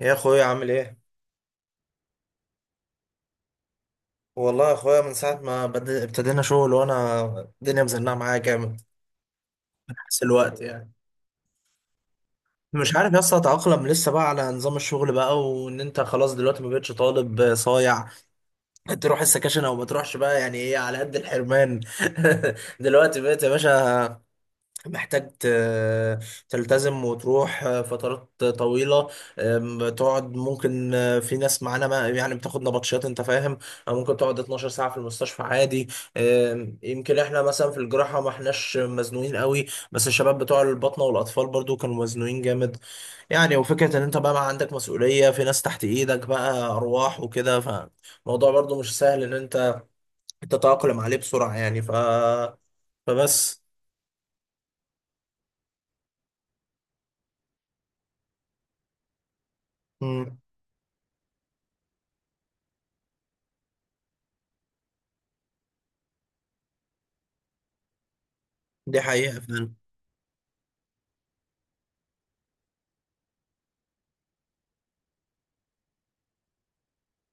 يا اخويا عامل ايه؟ والله يا اخويا من ساعه ما ابتدينا شغل وانا الدنيا مزنقه معايا جامد. حس الوقت يعني. مش عارف يا اسطى اتاقلم لسه بقى على نظام الشغل بقى، وان انت خلاص دلوقتي ما بقتش طالب صايع. تروح السكاشن او ما تروحش بقى، يعني ايه على قد الحرمان. دلوقتي بقيت يا باشا محتاج تلتزم وتروح فترات طويلة. تقعد ممكن، في ناس معانا ما يعني بتاخد نبطشات، انت فاهم، أو ممكن تقعد 12 ساعة في المستشفى عادي. يمكن احنا مثلا في الجراحة ما احناش مزنوقين قوي، بس الشباب بتوع الباطنة والأطفال برضو كانوا مزنوقين جامد. يعني وفكرة ان انت بقى ما عندك مسؤولية، في ناس تحت ايدك بقى أرواح وكده، فالموضوع برضو مش سهل ان انت تتأقلم عليه بسرعة. يعني فبس. مم. دي حقيقة فعلا.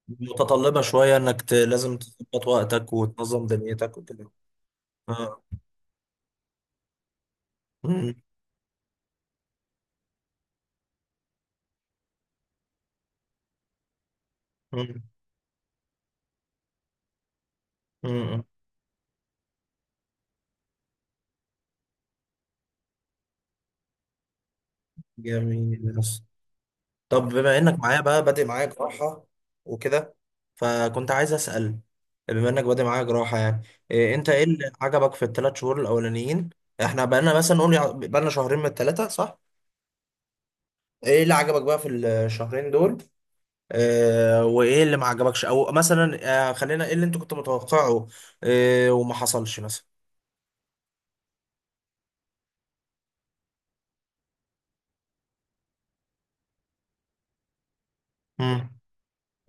متطلبة شوية انك لازم تظبط وقتك وتنظم دنيتك وكده. اه. مم. مم. مم. جميل. بس طب بما انك معايا بقى بادئ معايا جراحة وكده، فكنت عايز اسأل، بما انك بادئ معايا جراحة يعني، إيه انت ايه اللي عجبك في الثلاث شهور الاولانيين؟ احنا بقالنا مثلا نقول بقالنا شهرين من الثلاثة، صح؟ ايه اللي عجبك بقى في الشهرين دول؟ آه، وايه اللي ما عجبكش او مثلا، آه، خلينا، ايه اللي انت كنت متوقعه، آه، وما حصلش مثلا.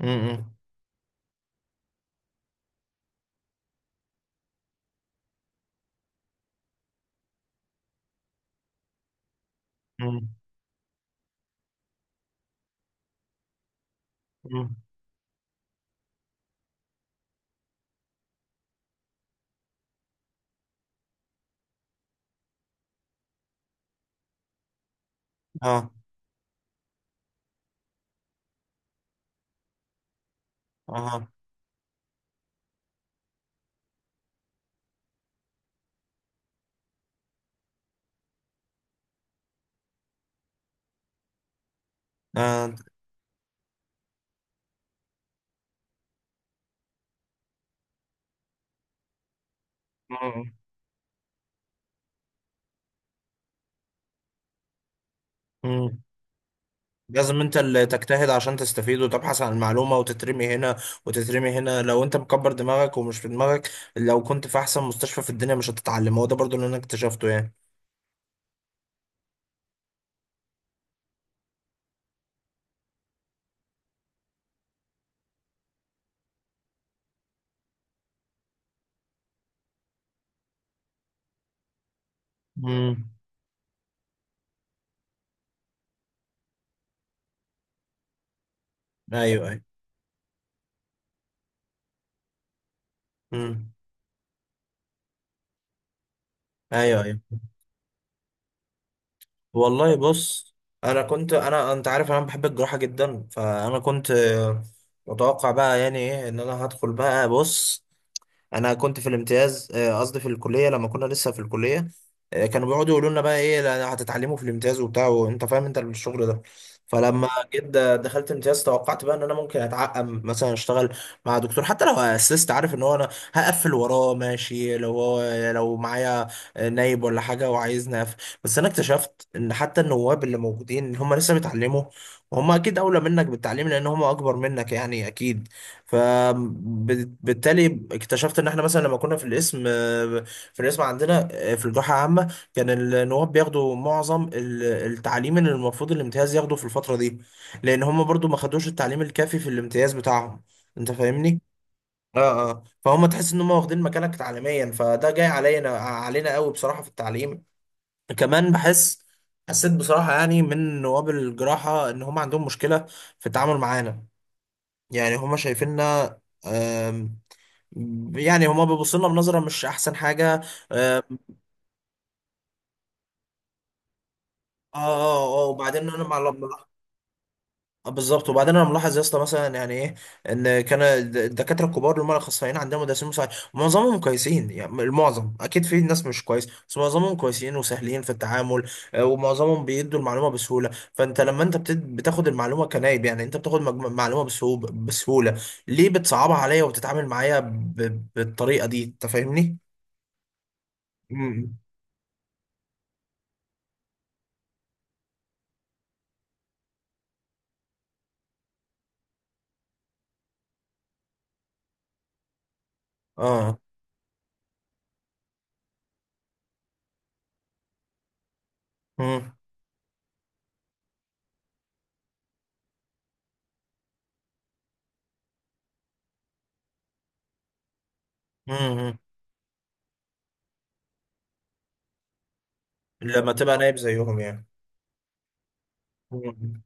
امم. امم. امم. اه. اه. آه. أمم. أمم. لازم انت اللي تجتهد عشان تستفيد وتبحث عن المعلومة، وتترمي هنا وتترمي هنا. لو انت مكبر دماغك ومش في دماغك، لو كنت في احسن مستشفى في الدنيا، مش هتتعلم. هو ده برضو اللي انا اكتشفته يعني. امم. ايوه. ايوه. امم. ايوه. ايوه. والله بص، انا كنت انا انت عارف انا بحب الجراحة جدا، فانا كنت، متوقع بقى يعني ايه ان انا هدخل بقى. بص، انا كنت في الامتياز، قصدي في الكليه، لما كنا لسه في الكليه، كانوا بيقعدوا يقولوا لنا بقى ايه، لا، هتتعلموا في الامتياز وبتاع، وانت فاهم انت الشغل ده. فلما جيت دخلت امتياز توقعت بقى ان انا ممكن اتعقم مثلا، اشتغل مع دكتور حتى لو اسست، عارف ان هو انا هقفل وراه ماشي، لو هو لو معايا نايب ولا حاجه وعايزني اقفل. بس انا اكتشفت ان حتى النواب اللي موجودين هم لسه بيتعلموا، وهم اكيد اولى منك بالتعليم لان هم اكبر منك يعني اكيد. فبالتالي اكتشفت ان احنا مثلا لما كنا في القسم، في القسم عندنا، في الجامعه عامه، كان النواب بياخدوا معظم التعليم اللي المفروض الامتياز ياخده في الفتره دي، لان هم برضو ما خدوش التعليم الكافي في الامتياز بتاعهم. انت فاهمني؟ اه. اه. فهم تحس ان هم واخدين مكانك تعليميا، فده جاي علينا علينا قوي بصراحه في التعليم. كمان بحس، حسيت بصراحه يعني من نواب الجراحه ان هم عندهم مشكله في التعامل معانا. يعني هم شايفيننا، يعني هما بيبصوا لنا بنظره مش احسن حاجه. اه. اه. اه. وبعدين انا بالظبط. وبعدين انا ملاحظ يا اسطى مثلا، يعني ايه، ان كان الدكاتره الكبار اللي هم الاخصائيين عندنا، مدرسين مساعد، معظمهم كويسين. يعني المعظم، اكيد في ناس مش كويس، بس معظمهم كويسين وسهلين في التعامل، ومعظمهم بيدوا المعلومه بسهوله. فانت لما انت بتاخد المعلومه كنايب، يعني انت بتاخد معلومه بسهوله بسهوله، ليه بتصعبها عليا وبتتعامل معايا بالطريقه دي؟ انت فاهمني؟ امم. اه. مم. امم. لما تبقى نايم زيهم يعني. امم.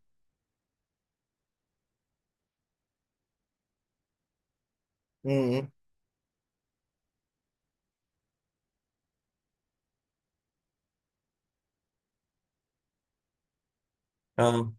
امم. آه.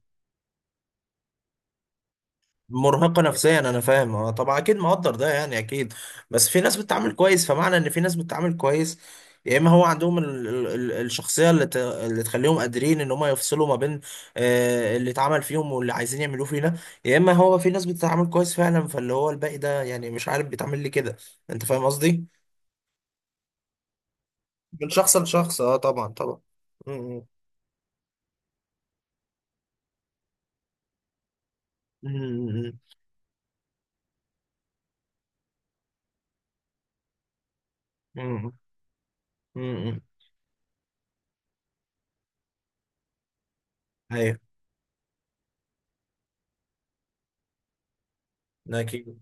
مرهقة نفسيا، انا فاهم. اه طبعا، اكيد مقدر ده يعني، اكيد. بس في ناس بتتعامل كويس. فمعنى ان في ناس بتتعامل كويس، يا اما هو عندهم ال ال ال الشخصية اللي اللي تخليهم قادرين ان هم يفصلوا ما بين، اللي اتعمل فيهم واللي عايزين يعملوه فينا. يا اما هو في ناس بتتعامل كويس فعلا، فاللي هو الباقي ده يعني مش عارف بيتعامل ليه كده. انت فاهم قصدي؟ من شخص لشخص. اه طبعا طبعا. امم. امم. امم. امم. أمم. أيوه. اكيد.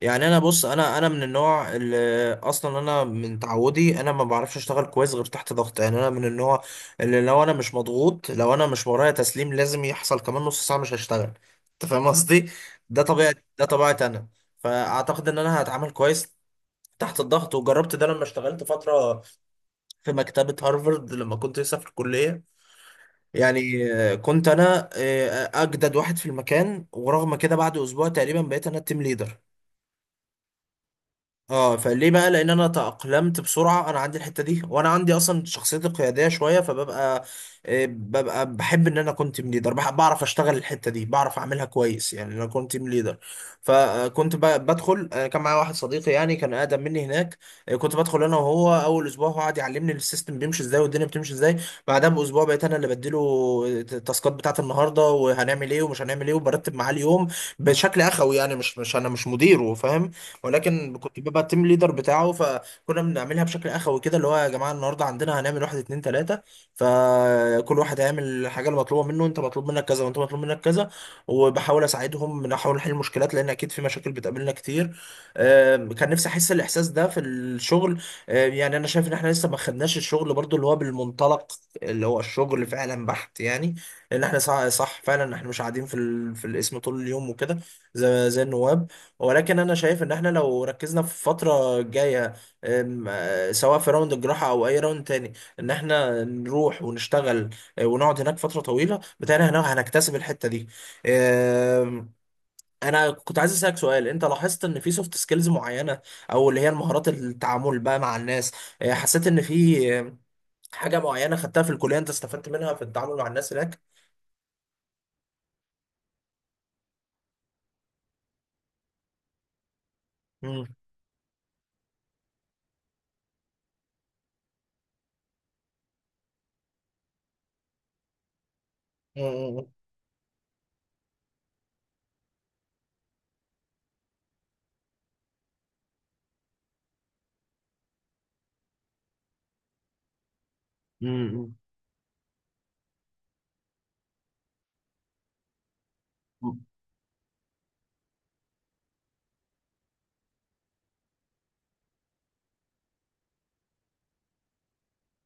يعني انا بص، انا من النوع اللي اصلا، انا من تعودي انا ما بعرفش اشتغل كويس غير تحت ضغط. يعني انا من النوع اللي، لو انا مش مضغوط، لو انا مش ورايا تسليم لازم يحصل كمان نص ساعه، مش هشتغل. انت فاهم قصدي. ده طبيعي، ده طبيعتي انا. فاعتقد ان انا هتعامل كويس تحت الضغط. وجربت ده لما اشتغلت فتره في مكتبه هارفارد لما كنت لسه في الكليه. يعني، كنت انا اجدد واحد في المكان، ورغم كده بعد اسبوع تقريبا بقيت انا التيم ليدر. اه، فليه بقى؟ لان انا تأقلمت بسرعه، انا عندي الحته دي، وانا عندي اصلا شخصيتي قياديه شويه، فببقى، ببقى بحب ان انا كنت تيم ليدر، بعرف اشتغل الحته دي، بعرف اعملها كويس. يعني انا كنت تيم ليدر، فكنت بدخل، كان معايا واحد صديقي، يعني كان اقدم مني هناك. كنت بدخل انا وهو اول اسبوع، هو قعد يعلمني السيستم بيمشي ازاي والدنيا بتمشي ازاي. بعدها باسبوع بقيت انا اللي بديله، التاسكات بتاعت النهارده وهنعمل ايه ومش هنعمل ايه، وبرتب معاه اليوم بشكل اخوي. يعني مش انا مش مديره، فاهم، ولكن كنت ببقى التيم ليدر بتاعه. فكنا بنعملها بشكل اخوي كده، اللي هو يا جماعه النهارده عندنا هنعمل واحد اتنين تلاته، فكل واحد هيعمل الحاجه المطلوبه منه، انت مطلوب منك كذا وانت مطلوب منك كذا. وبحاول اساعدهم، بنحاول نحل المشكلات لان اكيد في مشاكل بتقابلنا كتير. كان نفسي احس الاحساس ده في الشغل. يعني انا شايف ان احنا لسه ما خدناش الشغل برضو اللي هو بالمنطلق، اللي هو الشغل فعلا بحت يعني. لان احنا صح، صح فعلا احنا مش قاعدين في في القسم طول اليوم وكده، زي النواب. ولكن انا شايف ان احنا لو ركزنا في الفتره الجايه، أم، آه، سواء في راوند الجراحه او اي راوند تاني، ان احنا نروح ونشتغل، ونقعد هناك فتره طويله بتاعنا هنا، هنكتسب الحته دي. أم، انا كنت عايز اسالك سؤال، انت لاحظت ان في سوفت سكيلز معينه، او اللي هي المهارات التعامل بقى مع الناس، حسيت ان في حاجه معينه خدتها في الكليه انت استفدت منها في التعامل مع الناس هناك؟ امم. امم.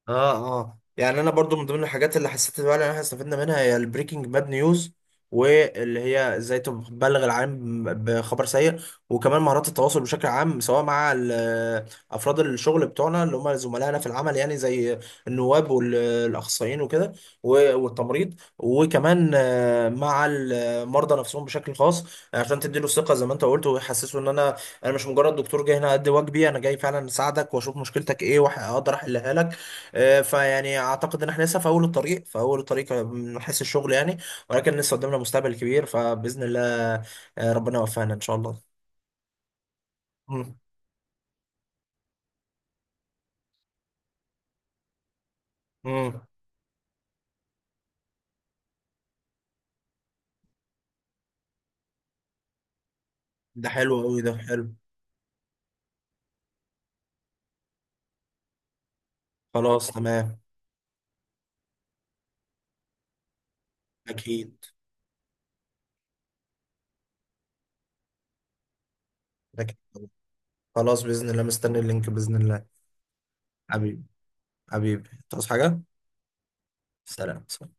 اه. اه. يعني انا برضو من ضمن الحاجات اللي حسيت فعلا ان احنا استفدنا منها هي البريكنج باد نيوز، واللي هي ازاي تبلغ العالم بخبر سيء. وكمان مهارات التواصل بشكل عام، سواء مع افراد الشغل بتوعنا اللي هم زملائنا في العمل، يعني زي النواب والاخصائيين وكده، والتمريض، وكمان، مع المرضى نفسهم بشكل خاص، عشان تديله الثقه زي ما انت قلت، ويحسسه ان انا، انا مش مجرد دكتور جاي هنا ادي واجبي، انا جاي فعلا اساعدك واشوف مشكلتك ايه واقدر احلها لك. فيعني اعتقد ان احنا لسه في اول الطريق، في اول الطريق من حيث الشغل يعني، ولكن لسه قدامنا مستقبل كبير، فباذن الله، ربنا يوفقنا ان شاء الله. مم. مم. ده حلو قوي، ده حلو. خلاص تمام. اكيد. اكيد. خلاص باذن الله، مستني اللينك باذن الله. حبيبي. حبيبي تصحى حاجه؟ سلام.